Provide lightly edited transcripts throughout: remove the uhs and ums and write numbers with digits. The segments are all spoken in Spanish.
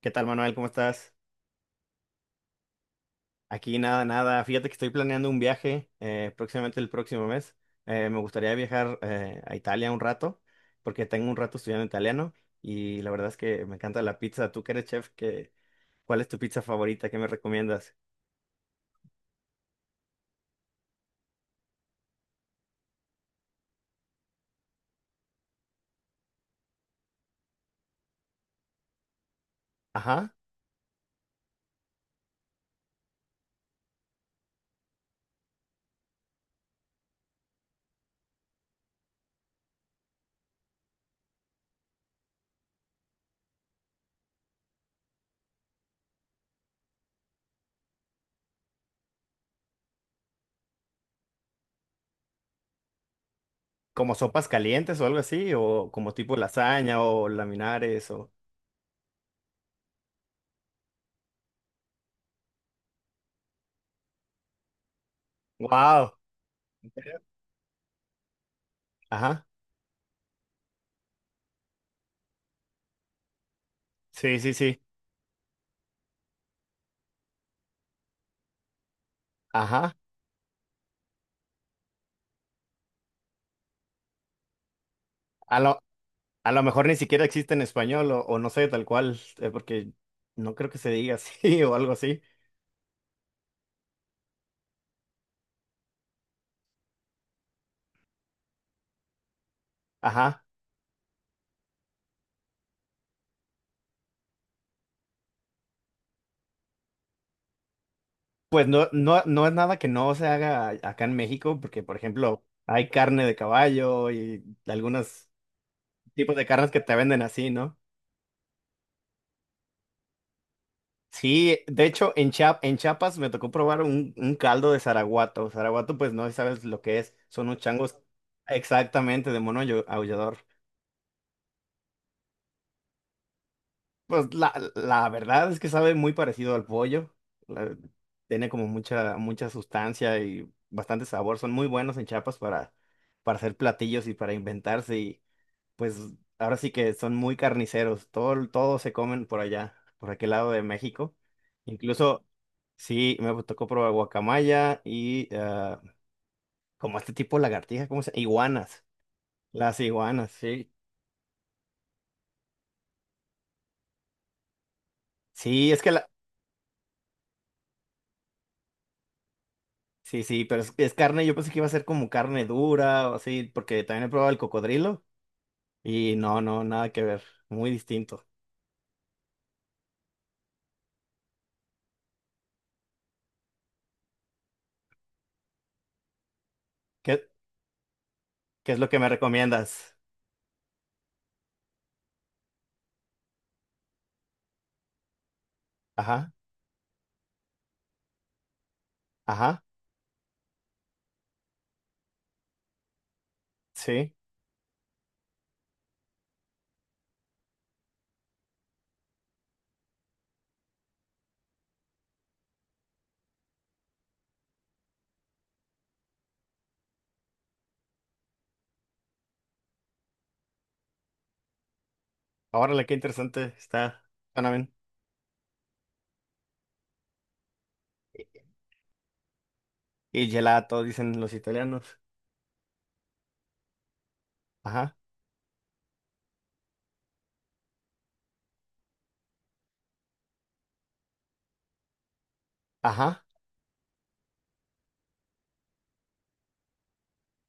¿Qué tal, Manuel? ¿Cómo estás? Aquí nada, nada. Fíjate que estoy planeando un viaje próximamente el próximo mes. Me gustaría viajar a Italia un rato, porque tengo un rato estudiando italiano y la verdad es que me encanta la pizza. Tú que eres chef, ¿cuál es tu pizza favorita? ¿Qué me recomiendas? Ajá. ¿Como sopas calientes o algo así? ¿O como tipo lasaña o laminares? O... ¡Wow! Ajá. Sí, sí, sí. Ajá. A lo mejor ni siquiera existe en español o no sé, tal cual, porque no creo que se diga así o algo así. Ajá. Pues no, no, no es nada que no se haga acá en México, porque por ejemplo hay carne de caballo y algunos tipos de carnes que te venden así, ¿no? Sí, de hecho en en Chiapas me tocó probar un caldo de Zaraguato. Zaraguato pues no sabes lo que es, son unos changos exactamente de mono aullador. Pues la verdad es que sabe muy parecido al pollo. La- tiene como mucha, mucha sustancia y bastante sabor. Son muy buenos en Chiapas para hacer platillos y para inventarse. Y pues ahora sí que son muy carniceros. Todo, todo se comen por allá, por aquel lado de México. Incluso, sí, me tocó probar guacamaya y ah, como este tipo de lagartija, ¿cómo se Iguanas. Las iguanas, sí. Sí, es que la- Sí, sí, pero es carne, yo pensé que iba a ser como carne dura o así, porque también he probado el cocodrilo y no, no, nada que ver, muy distinto. ¿Qué, qué es lo que me recomiendas? Ajá, ajá, sí. Órale, qué interesante está. Suena bien. Y gelato, dicen los italianos. Ajá, ajá.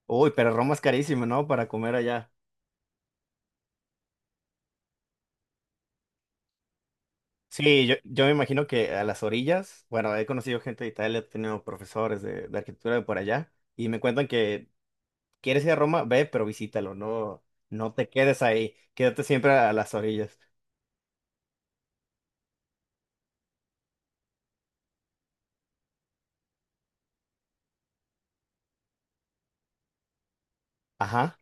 Uy, pero Roma es carísimo, ¿no? Para comer allá. Sí, yo me imagino que a las orillas, bueno, he conocido gente de Italia, he tenido profesores de arquitectura de por allá, y me cuentan que ¿quieres ir a Roma? Ve, pero visítalo, no, no te quedes ahí, quédate siempre a las orillas. Ajá,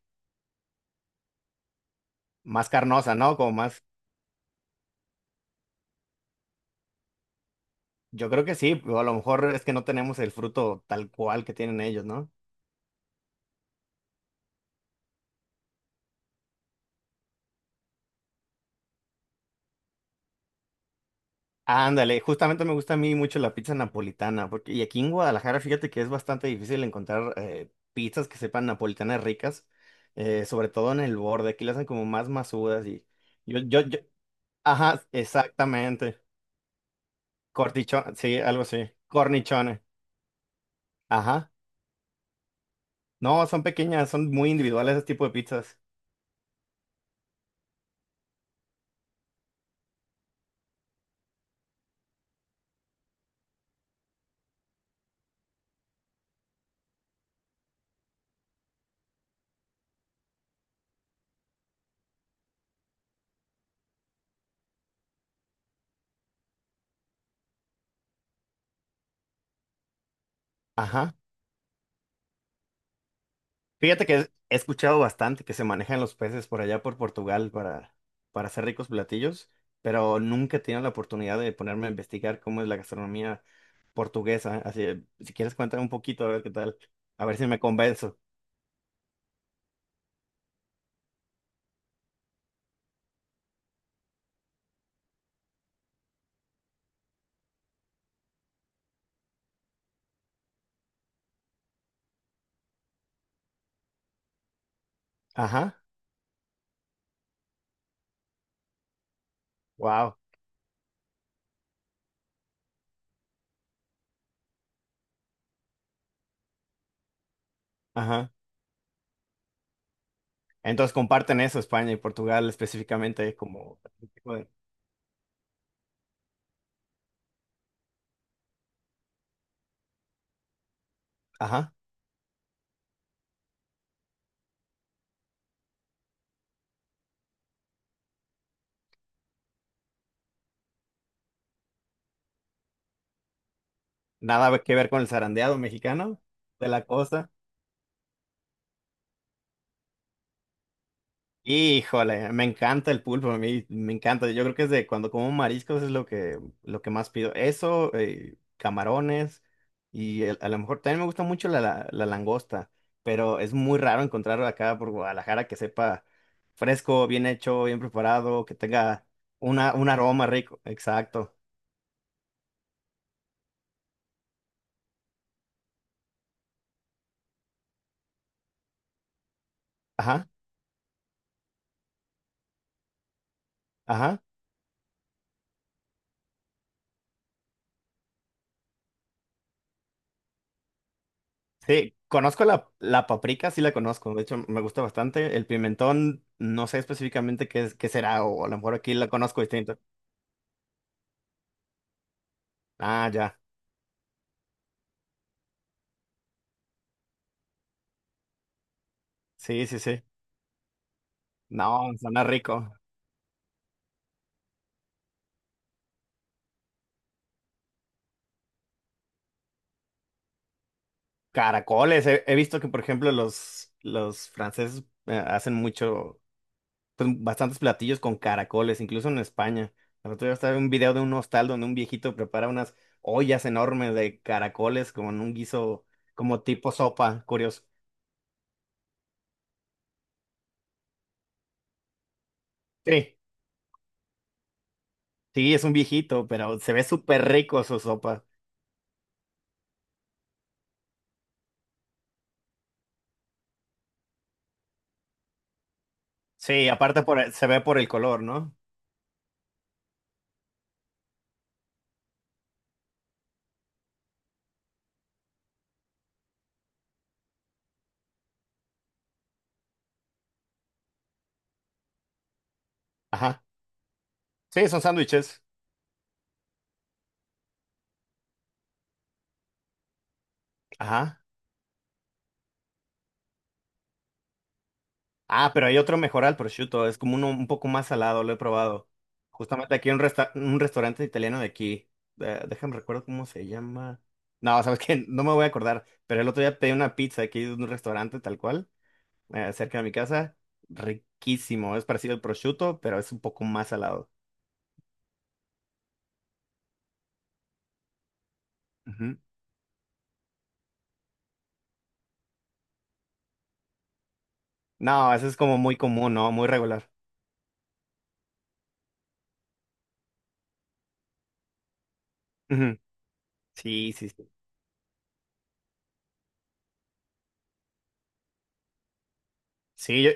más carnosa, ¿no? Como más, yo creo que sí, o a lo mejor es que no tenemos el fruto tal cual que tienen ellos, ¿no? Ándale, justamente me gusta a mí mucho la pizza napolitana, porque y aquí en Guadalajara, fíjate que es bastante difícil encontrar pizzas que sepan napolitanas ricas, sobre todo en el borde, aquí las hacen como más masudas y yo, ajá, exactamente, cortichón, sí, algo así, cornichones, ajá. No, son pequeñas, son muy individuales ese tipo de pizzas. Ajá. Fíjate que he escuchado bastante que se manejan los peces por allá por Portugal para hacer ricos platillos, pero nunca he tenido la oportunidad de ponerme a investigar cómo es la gastronomía portuguesa. Así, si quieres cuéntame un poquito, a ver qué tal, a ver si me convenzo. Ajá. Wow. Ajá. Entonces comparten eso, España y Portugal específicamente como... Ajá. Nada que ver con el zarandeado mexicano de la costa. Híjole, me encanta el pulpo, a mí me encanta. Yo creo que es de cuando como mariscos es lo que más pido. Eso, camarones y a lo mejor también me gusta mucho la, la, la langosta, pero es muy raro encontrar acá por Guadalajara que sepa fresco, bien hecho, bien preparado, que tenga una, un aroma rico. Exacto. Ajá, ajá. Sí, conozco la, la paprika, sí la conozco. De hecho, me gusta bastante. El pimentón, no sé específicamente qué es, qué será, o a lo mejor aquí la conozco distinto. Ah, ya. Sí, sí, sí. No, suena rico. Caracoles. He, he visto que, por ejemplo, los franceses hacen mucho, pues bastantes platillos con caracoles, incluso en España. El otro día estaba en un video de un hostal donde un viejito prepara unas ollas enormes de caracoles como en un guiso, como tipo sopa, curioso. Sí, sí, es un viejito, pero se ve súper rico su sopa. Sí, aparte por, se ve por el color, ¿no? Ajá. Sí, son sándwiches. Ajá. Ah, pero hay otro mejor al prosciutto, es como uno un poco más salado, lo he probado. Justamente aquí hay un, un restaurante italiano de aquí. Déjame recuerdo cómo se llama. No, sabes que no me voy a acordar, pero el otro día pedí una pizza aquí de un restaurante tal cual, cerca de mi casa. Riquísimo, es parecido al prosciutto, pero es un poco más salado. Ujú. No, eso es como muy común, ¿no? Muy regular. Ujú. Sí, sí, sí. Sí, yo,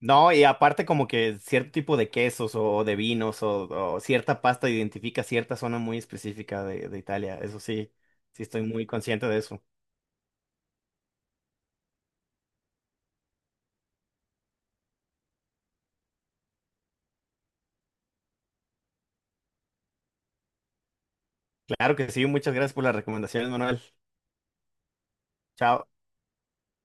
no, y aparte como que cierto tipo de quesos o de vinos o cierta pasta identifica cierta zona muy específica de Italia. Eso sí, sí estoy muy consciente de eso. Claro que sí, muchas gracias por las recomendaciones, Manuel. Chao.